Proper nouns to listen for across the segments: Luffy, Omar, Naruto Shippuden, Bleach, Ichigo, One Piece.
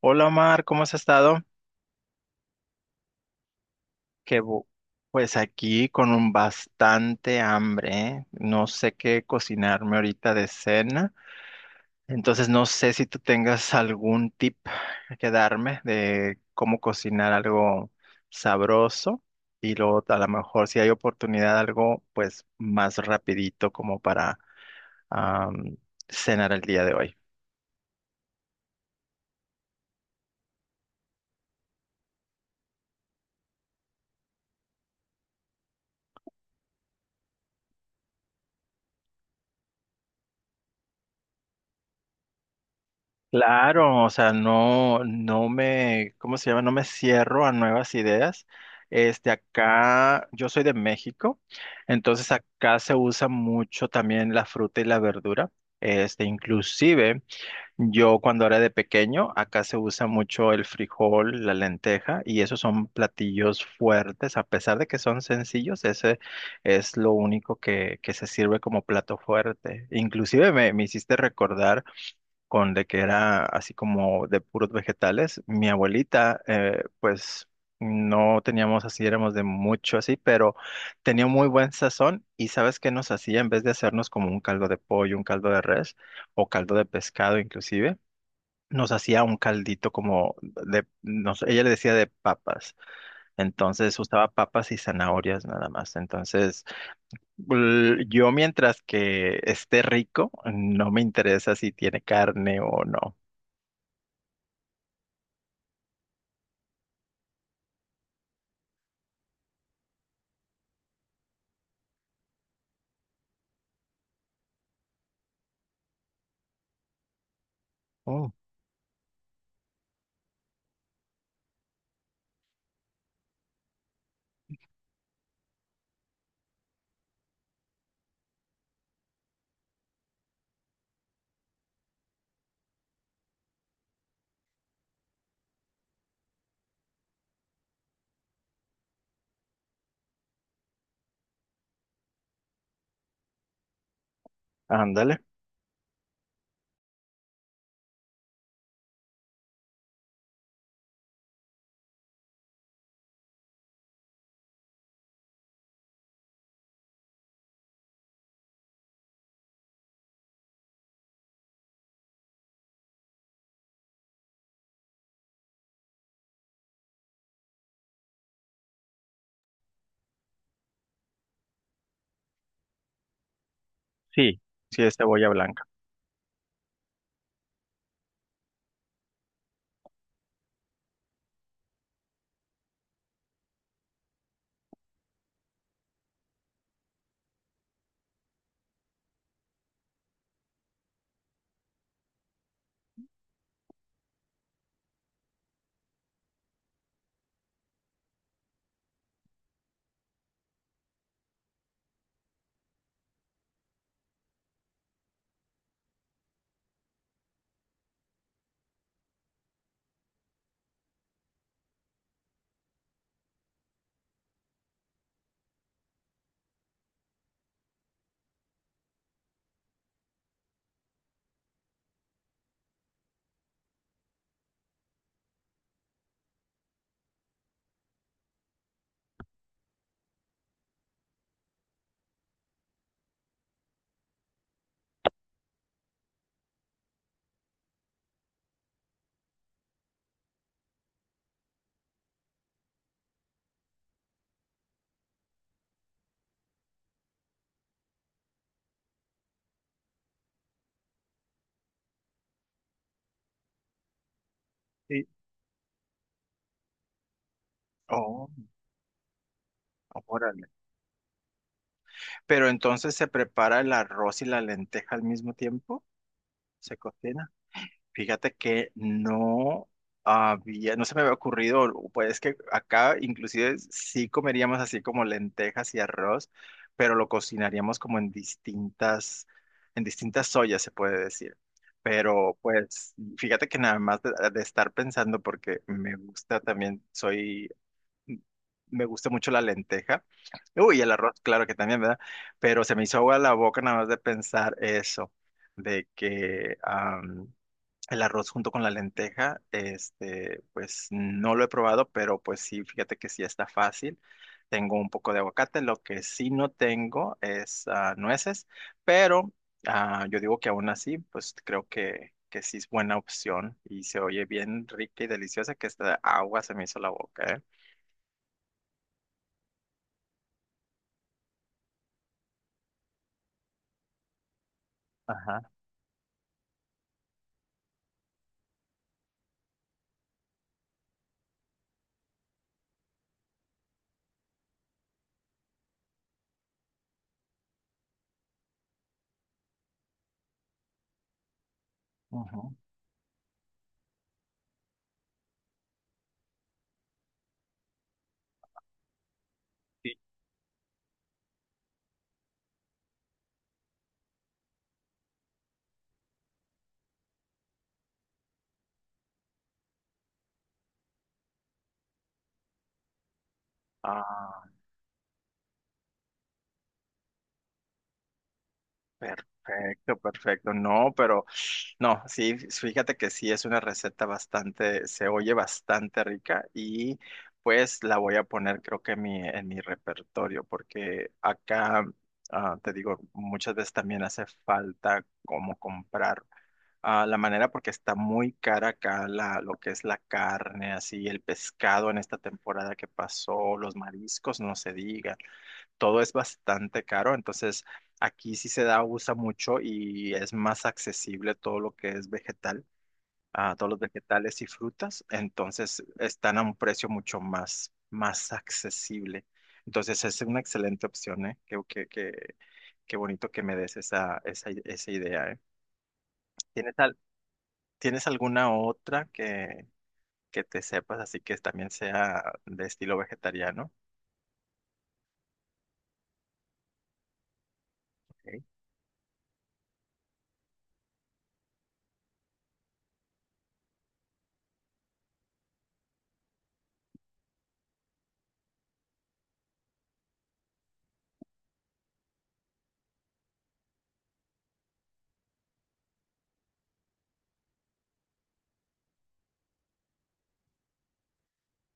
Hola Omar, ¿cómo has estado? Que bu- pues aquí con un bastante hambre, ¿eh? No sé qué cocinarme ahorita de cena, entonces no sé si tú tengas algún tip que darme de cómo cocinar algo sabroso y luego a lo mejor si hay oportunidad algo pues más rapidito como para am, cenar el día de hoy. Claro, o sea, no me, ¿cómo se llama? No me cierro a nuevas ideas. Este, acá, yo soy de México, entonces acá se usa mucho también la fruta y la verdura. Este, inclusive, yo cuando era de pequeño, acá se usa mucho el frijol, la lenteja, y esos son platillos fuertes, a pesar de que son sencillos, ese es lo único que se sirve como plato fuerte. Inclusive me hiciste recordar con de que era así como de puros vegetales. Mi abuelita, pues no teníamos así, éramos de mucho así, pero tenía muy buen sazón y sabes qué nos hacía en vez de hacernos como un caldo de pollo, un caldo de res o caldo de pescado inclusive. Nos hacía un caldito como de, nos, ella le decía de papas, entonces usaba papas y zanahorias nada más. Entonces, yo mientras que esté rico, no me interesa si tiene carne o no. Oh, ándale. Sí, sí es cebolla blanca. Sí. Oh, órale. Pero entonces se prepara el arroz y la lenteja al mismo tiempo, se cocina. Fíjate que no había, no se me había ocurrido, pues es que acá inclusive sí comeríamos así como lentejas y arroz, pero lo cocinaríamos como en distintas ollas, se puede decir. Pero pues fíjate que nada más de estar pensando, porque me gusta también, soy. Me gusta mucho la lenteja. Uy, el arroz, claro que también, ¿verdad? Pero se me hizo agua la boca nada más de pensar eso, de que el arroz junto con la lenteja, este, pues no lo he probado, pero pues sí, fíjate que sí está fácil. Tengo un poco de aguacate, lo que sí no tengo es nueces, pero yo digo que aún así, pues creo que sí es buena opción y se oye bien rica y deliciosa que esta agua se me hizo la boca, ¿eh? Ajá. Ujú. Sí. Ah, Perfecto, perfecto. No, pero no, sí, fíjate que sí es una receta bastante, se oye bastante rica y pues la voy a poner creo que en mi repertorio porque acá, te digo, muchas veces también hace falta como comprar. La manera porque está muy cara acá la, lo que es la carne, así el pescado en esta temporada que pasó, los mariscos, no se diga. Todo es bastante caro, entonces aquí sí se da, usa mucho y es más accesible todo lo que es vegetal, todos los vegetales y frutas, entonces están a un precio mucho más, más accesible. Entonces es una excelente opción, ¿eh? Qué bonito que me des esa, esa, esa idea, ¿eh? ¿Tienes, al- ¿Tienes alguna otra que te sepas así que también sea de estilo vegetariano? Ok.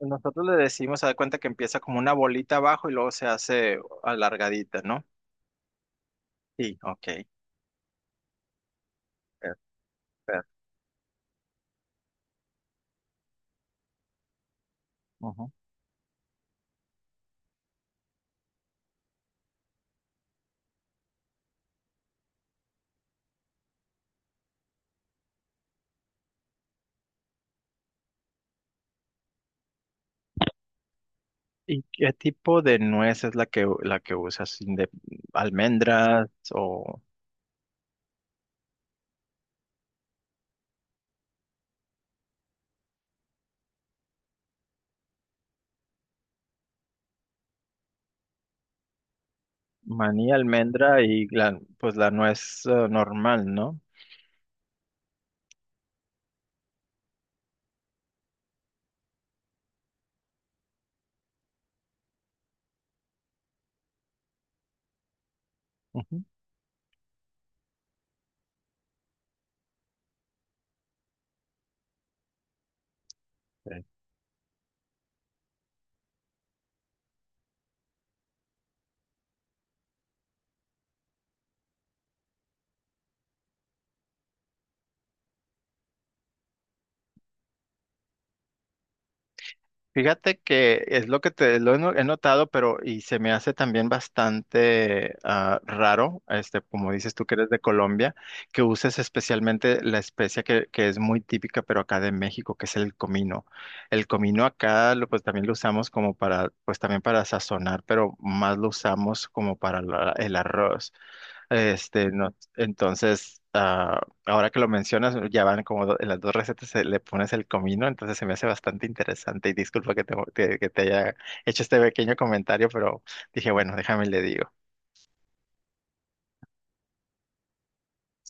Nosotros le decimos, se da cuenta que empieza como una bolita abajo y luego se hace alargadita, ¿no? Sí, ok. Perfecto. Ujú. ¿Y qué tipo de nuez es la que usas? ¿De almendras o maní, almendra y la, pues la nuez normal, ¿no? Ujú. Fíjate que es lo que te lo he he notado, pero y se me hace también bastante raro, este, como dices tú que eres de Colombia, que uses especialmente la especia que es muy típica, pero acá de México, que es el comino. El comino acá, lo, pues también lo usamos como para, pues también para sazonar, pero más lo usamos como para el arroz. Este, no, entonces, ah, ahora que lo mencionas, ya van como en las dos recetas se le pones el comino, entonces se me hace bastante interesante y disculpa que te, que te haya hecho este pequeño comentario, pero dije, bueno, déjame y le digo.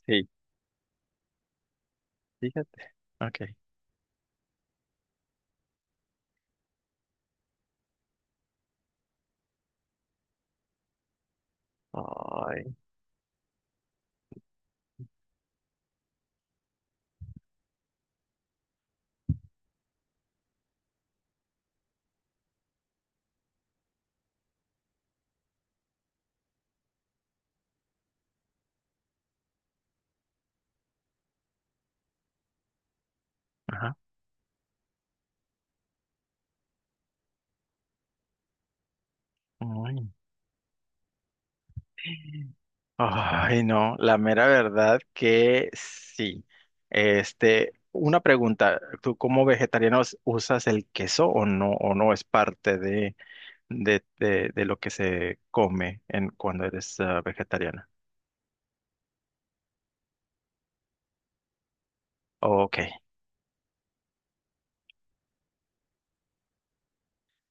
Sí, fíjate. Ok. Ay, ajá. Ay. Ay, no, la mera verdad que sí. Este, una pregunta, ¿tú como vegetarianos usas el queso o no es parte de... de lo que se come en, cuando eres vegetariana. Ok,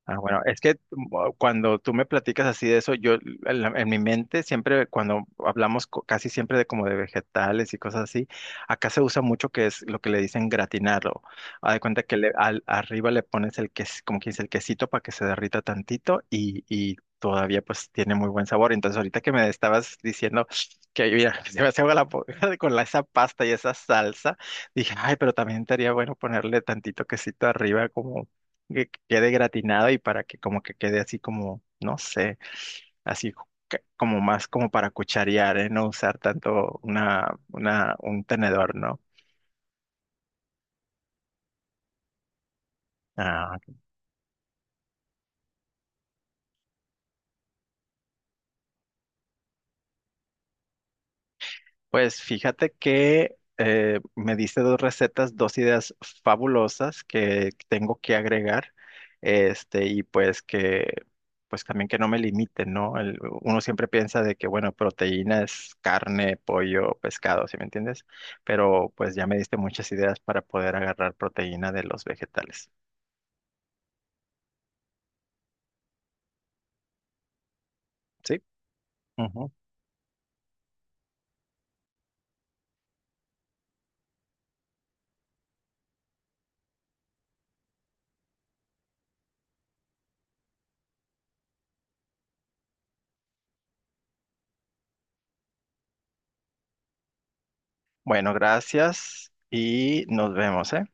Bueno, es que mm, cuando tú me platicas así de eso, yo en, en mi mente siempre, cuando hablamos casi siempre de como de vegetales y cosas así, acá se usa mucho que es lo que le dicen gratinarlo. Haz de cuenta que arriba le pones el ques, como quien dice, el quesito para que se derrita tantito y todavía pues tiene muy buen sabor. Entonces ahorita que me estabas diciendo que mira, se me hace agua la boca con esa pasta y esa salsa, dije, ay, pero también estaría bueno ponerle tantito quesito arriba que quede gratinada y para que como que quede así como, no sé, así como más como para cucharear, ¿eh? No usar tanto un tenedor, ¿no? Ah, pues fíjate que me diste dos recetas, dos ideas fabulosas que tengo que agregar, este, y pues que, pues también que no me limiten, ¿no? El- uno siempre piensa de que, bueno, proteína es carne, pollo, pescado, ¿sí me entiendes? Pero pues ya me diste muchas ideas para poder agarrar proteína de los vegetales, ¿sí? Ujú. Bueno, gracias y nos vemos, ¿eh?